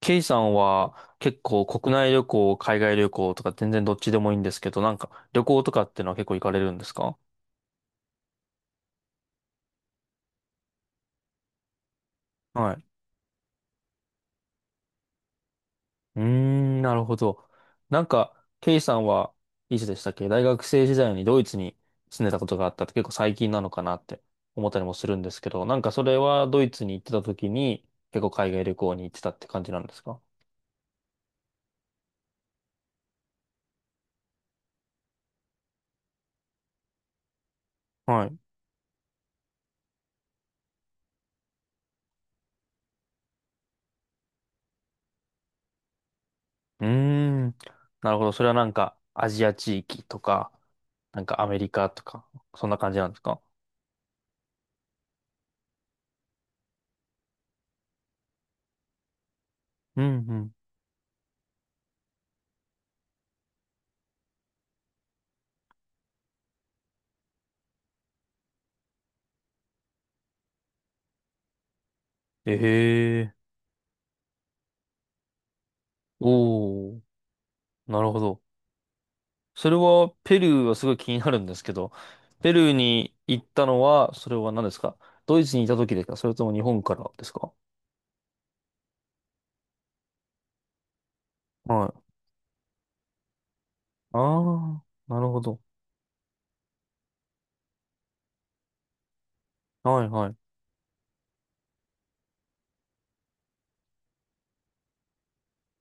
ケイさんは結構国内旅行、海外旅行とか全然どっちでもいいんですけど、なんか旅行とかってのは結構行かれるんですか？はい。うーん、なるほど。なんか、ケイさんはいつでしたっけ大学生時代にドイツに住んでたことがあったって結構最近なのかなって思ったりもするんですけど、なんかそれはドイツに行ってた時に結構海外旅行に行ってたって感じなんですか？はい。うーん、なるほど。それはなんかアジア地域とか、なんかアメリカとか、そんな感じなんですか？うんうん。ええ、おおー、なるほど。それは、ペルーはすごい気になるんですけど、ペルーに行ったのは、それは何ですか？ドイツにいた時ですか？それとも日本からですか？はい。ああ、なるほど。はいはい。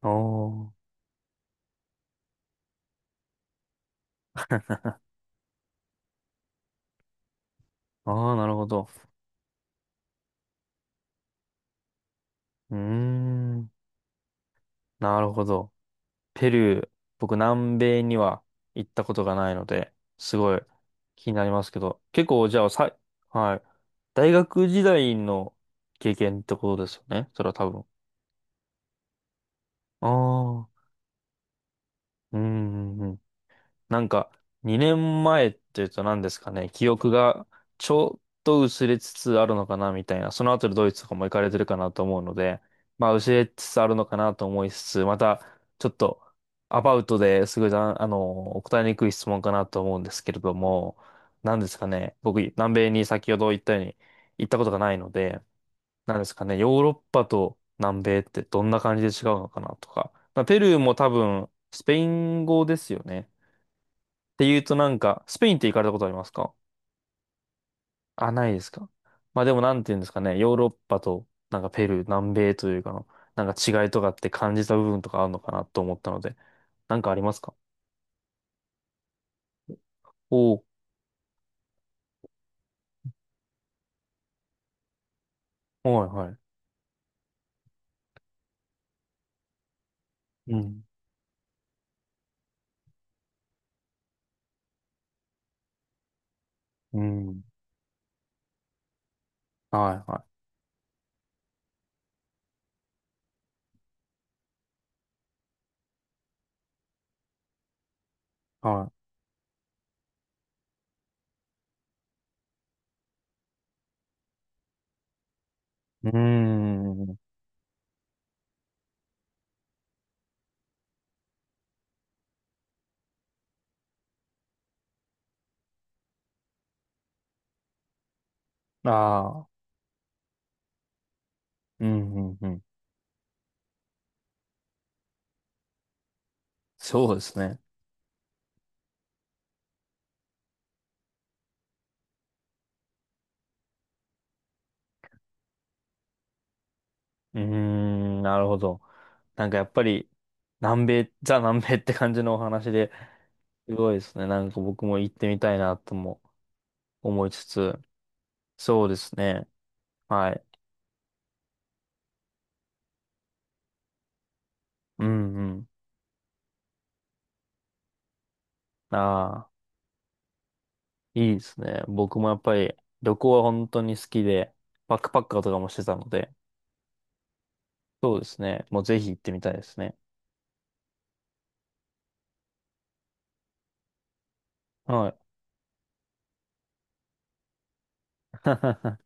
ああ、ああ、なるほど。うーん、なるほど。ペルー、僕南米には行ったことがないので、すごい気になりますけど、結構じゃあさ、はい。大学時代の経験ってことですよね。それは多分。ああ、うん、うんうん。なんか、2年前っていうと何ですかね、記憶がちょっと薄れつつあるのかなみたいな、その後でドイツとかも行かれてるかなと思うので、まあ薄れつつあるのかなと思いつつ、またちょっとアバウトですごいざん、あの、答えにくい質問かなと思うんですけれども、何ですかね、僕、南米に先ほど言ったように行ったことがないので、何ですかね、ヨーロッパと南米ってどんな感じで違うのかなとか、まあ、ペルーも多分スペイン語ですよね。ていうとなんか、スペインって行かれたことありますか？あ、ないですか。まあでもなんていうんですかね、ヨーロッパとなんかペルー、南米というかの、なんか違いとかって感じた部分とかあるのかなと思ったので、なんかありますか？おおー、はいはい。うん、うん、はいはい、はい。うーん、ああ、うん、うん、うん。そうですね。うーん、なるほど。なんかやっぱり、南米、ザ南米って感じのお話で、すごいですね。なんか僕も行ってみたいなとも思いつつ、そうですね。はい。うんうん。ああ、いいですね。僕もやっぱり旅行は本当に好きで、バックパッカーとかもしてたので、そうですね。もうぜひ行ってみたいですね。はい。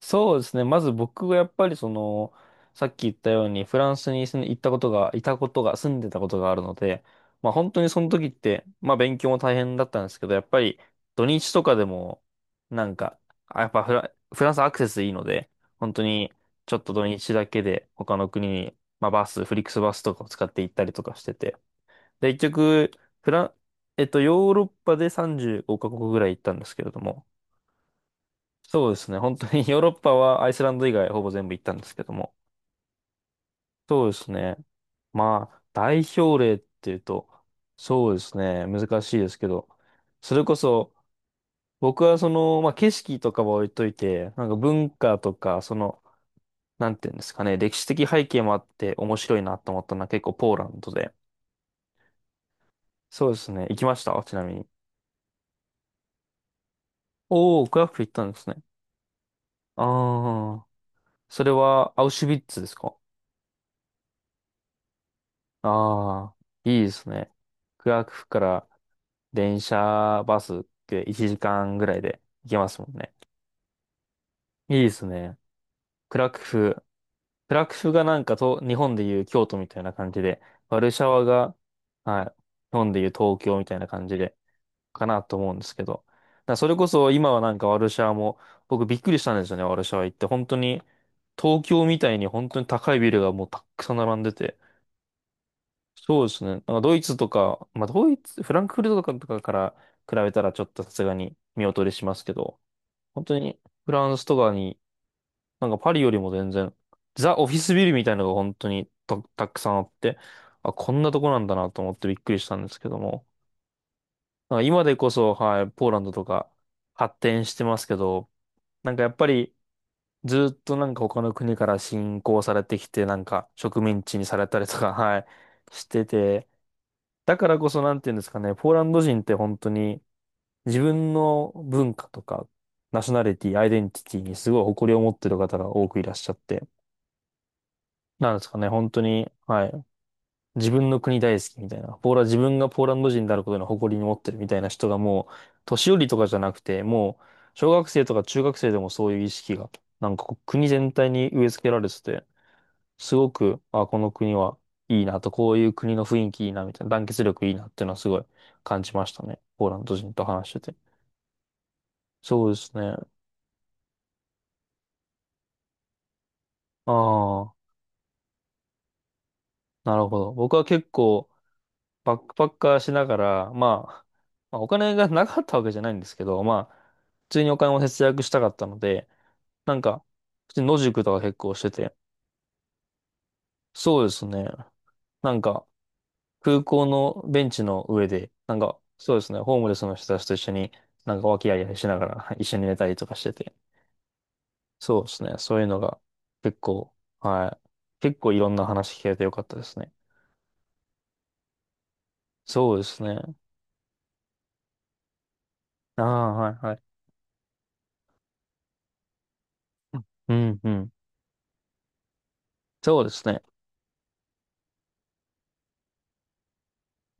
そうですね。まず僕がやっぱりその、さっき言ったようにフランスに住ん行ったことが、いたことが、住んでたことがあるので、まあ本当にその時って、まあ勉強も大変だったんですけど、やっぱり土日とかでも、なんか、やっぱ、フランスアクセスいいので、本当にちょっと土日だけで他の国に、まあフリックスバスとかを使って行ったりとかしてて。で、結局、フラン、えっと、ヨーロッパで35カ国ぐらい行ったんですけれども、そうですね。本当に ヨーロッパはアイスランド以外ほぼ全部行ったんですけども。そうですね。まあ、代表例っていうと、そうですね。難しいですけど、それこそ、僕はその、まあ景色とかは置いといて、なんか文化とか、その、なんていうんですかね、歴史的背景もあって面白いなと思ったのは結構ポーランドで。そうですね。行きましたちなみに。おー、クラクフ行ったんですね。ああ、それはアウシュビッツですか？ああー、いいですね。クラクフから電車、バスって1時間ぐらいで行けますもんね。いいですね。クラクフ。クラクフがなんかと、日本でいう京都みたいな感じで、ワルシャワが、はい、日本でいう東京みたいな感じで、かなと思うんですけど。だからそれこそ今はなんかワルシャワも、僕びっくりしたんですよね、ワルシャワ行って。本当に、東京みたいに本当に高いビルがもうたくさん並んでて。そうですね。なんかドイツとか、まあドイツ、フランクフルトとかから比べたらちょっとさすがに見劣りしますけど、本当にフランスとかに、なんかパリよりも全然、ザ・オフィスビルみたいなのが本当にたくさんあって、あ、こんなとこなんだなと思ってびっくりしたんですけども、なんか今でこそ、はい、ポーランドとか発展してますけど、なんかやっぱりずっとなんか他の国から侵攻されてきて、なんか植民地にされたりとか、はい、してて、だからこそなんていうんですかね、ポーランド人って本当に、自分の文化とか、ナショナリティ、アイデンティティにすごい誇りを持ってる方が多くいらっしゃって、なんですかね、本当に、はい、自分の国大好きみたいな、ポーラ、自分がポーランド人であることの誇りに持ってるみたいな人がもう、年寄りとかじゃなくて、もう、小学生とか中学生でもそういう意識が、なんかこう国全体に植え付けられてて、すごく、あ、この国はいいなと、こういう国の雰囲気いいな、みたいな、団結力いいなっていうのはすごい感じましたね。ポーランド人と話してて。そうですね。ああ。なるほど。僕は結構バックパッカーしながら、まあ、お金がなかったわけじゃないんですけど、まあ、普通にお金を節約したかったので、なんか、普通に野宿とか結構してて、そうですね。なんか、空港のベンチの上で、なんか、そうですね、ホームレスの人たちと一緒に、なんか、和気あいあいしながら 一緒に寝たりとかしてて、そうですね、そういうのが結構、はい、結構いろんな話聞けてよかったですね。そうですね。ああ、はい、はい。うん、うん。そうですね。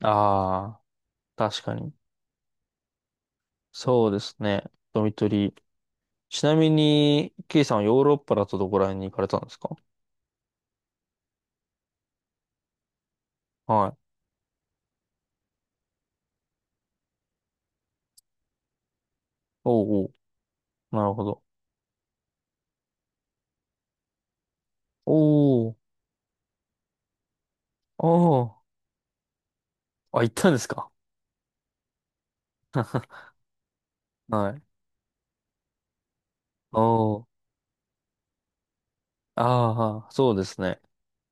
ああ、確かに。そうですね。ドミトリー。ちなみに、ケイさんはヨーロッパだとどこら辺に行かれたんですか？はい。おうおう。なるほど。おお。おお。あ、行ったんですか？ はい。おお。ああ、そうですね。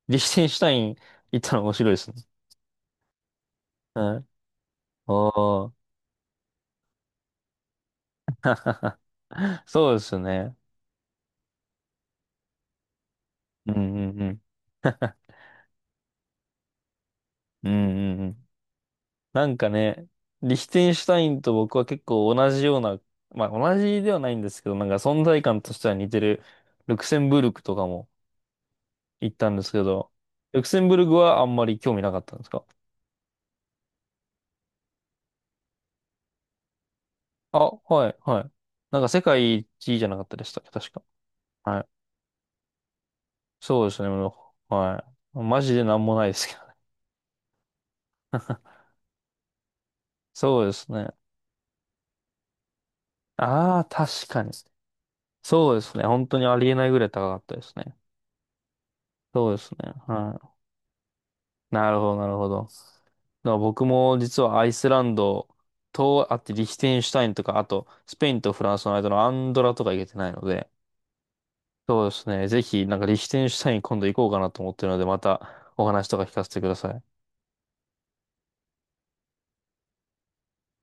リヒテンシュタイン行ったの面白いですね。はい。おお。そうですね。うんうんうん。うんうんうん。なんかね、リヒテンシュタインと僕は結構同じような、まあ同じではないんですけど、なんか存在感としては似てるルクセンブルクとかも行ったんですけど、ルクセンブルクはあんまり興味なかったんですか？あ、はい、はい。なんか世界一位じゃなかったでしたっけ、確か。はい。そうですね、もうはい。マジでなんもないですけど。そうですね。ああ、確かに。そうですね。本当にありえないぐらい高かったですね。そうですね。はい。なるほど、なるほど。だから僕も実はアイスランドと、あってリヒテンシュタインとか、あとスペインとフランスの間のアンドラとか行けてないので、そうですね。ぜひ、なんかリヒテンシュタイン今度行こうかなと思ってるので、またお話とか聞かせてください。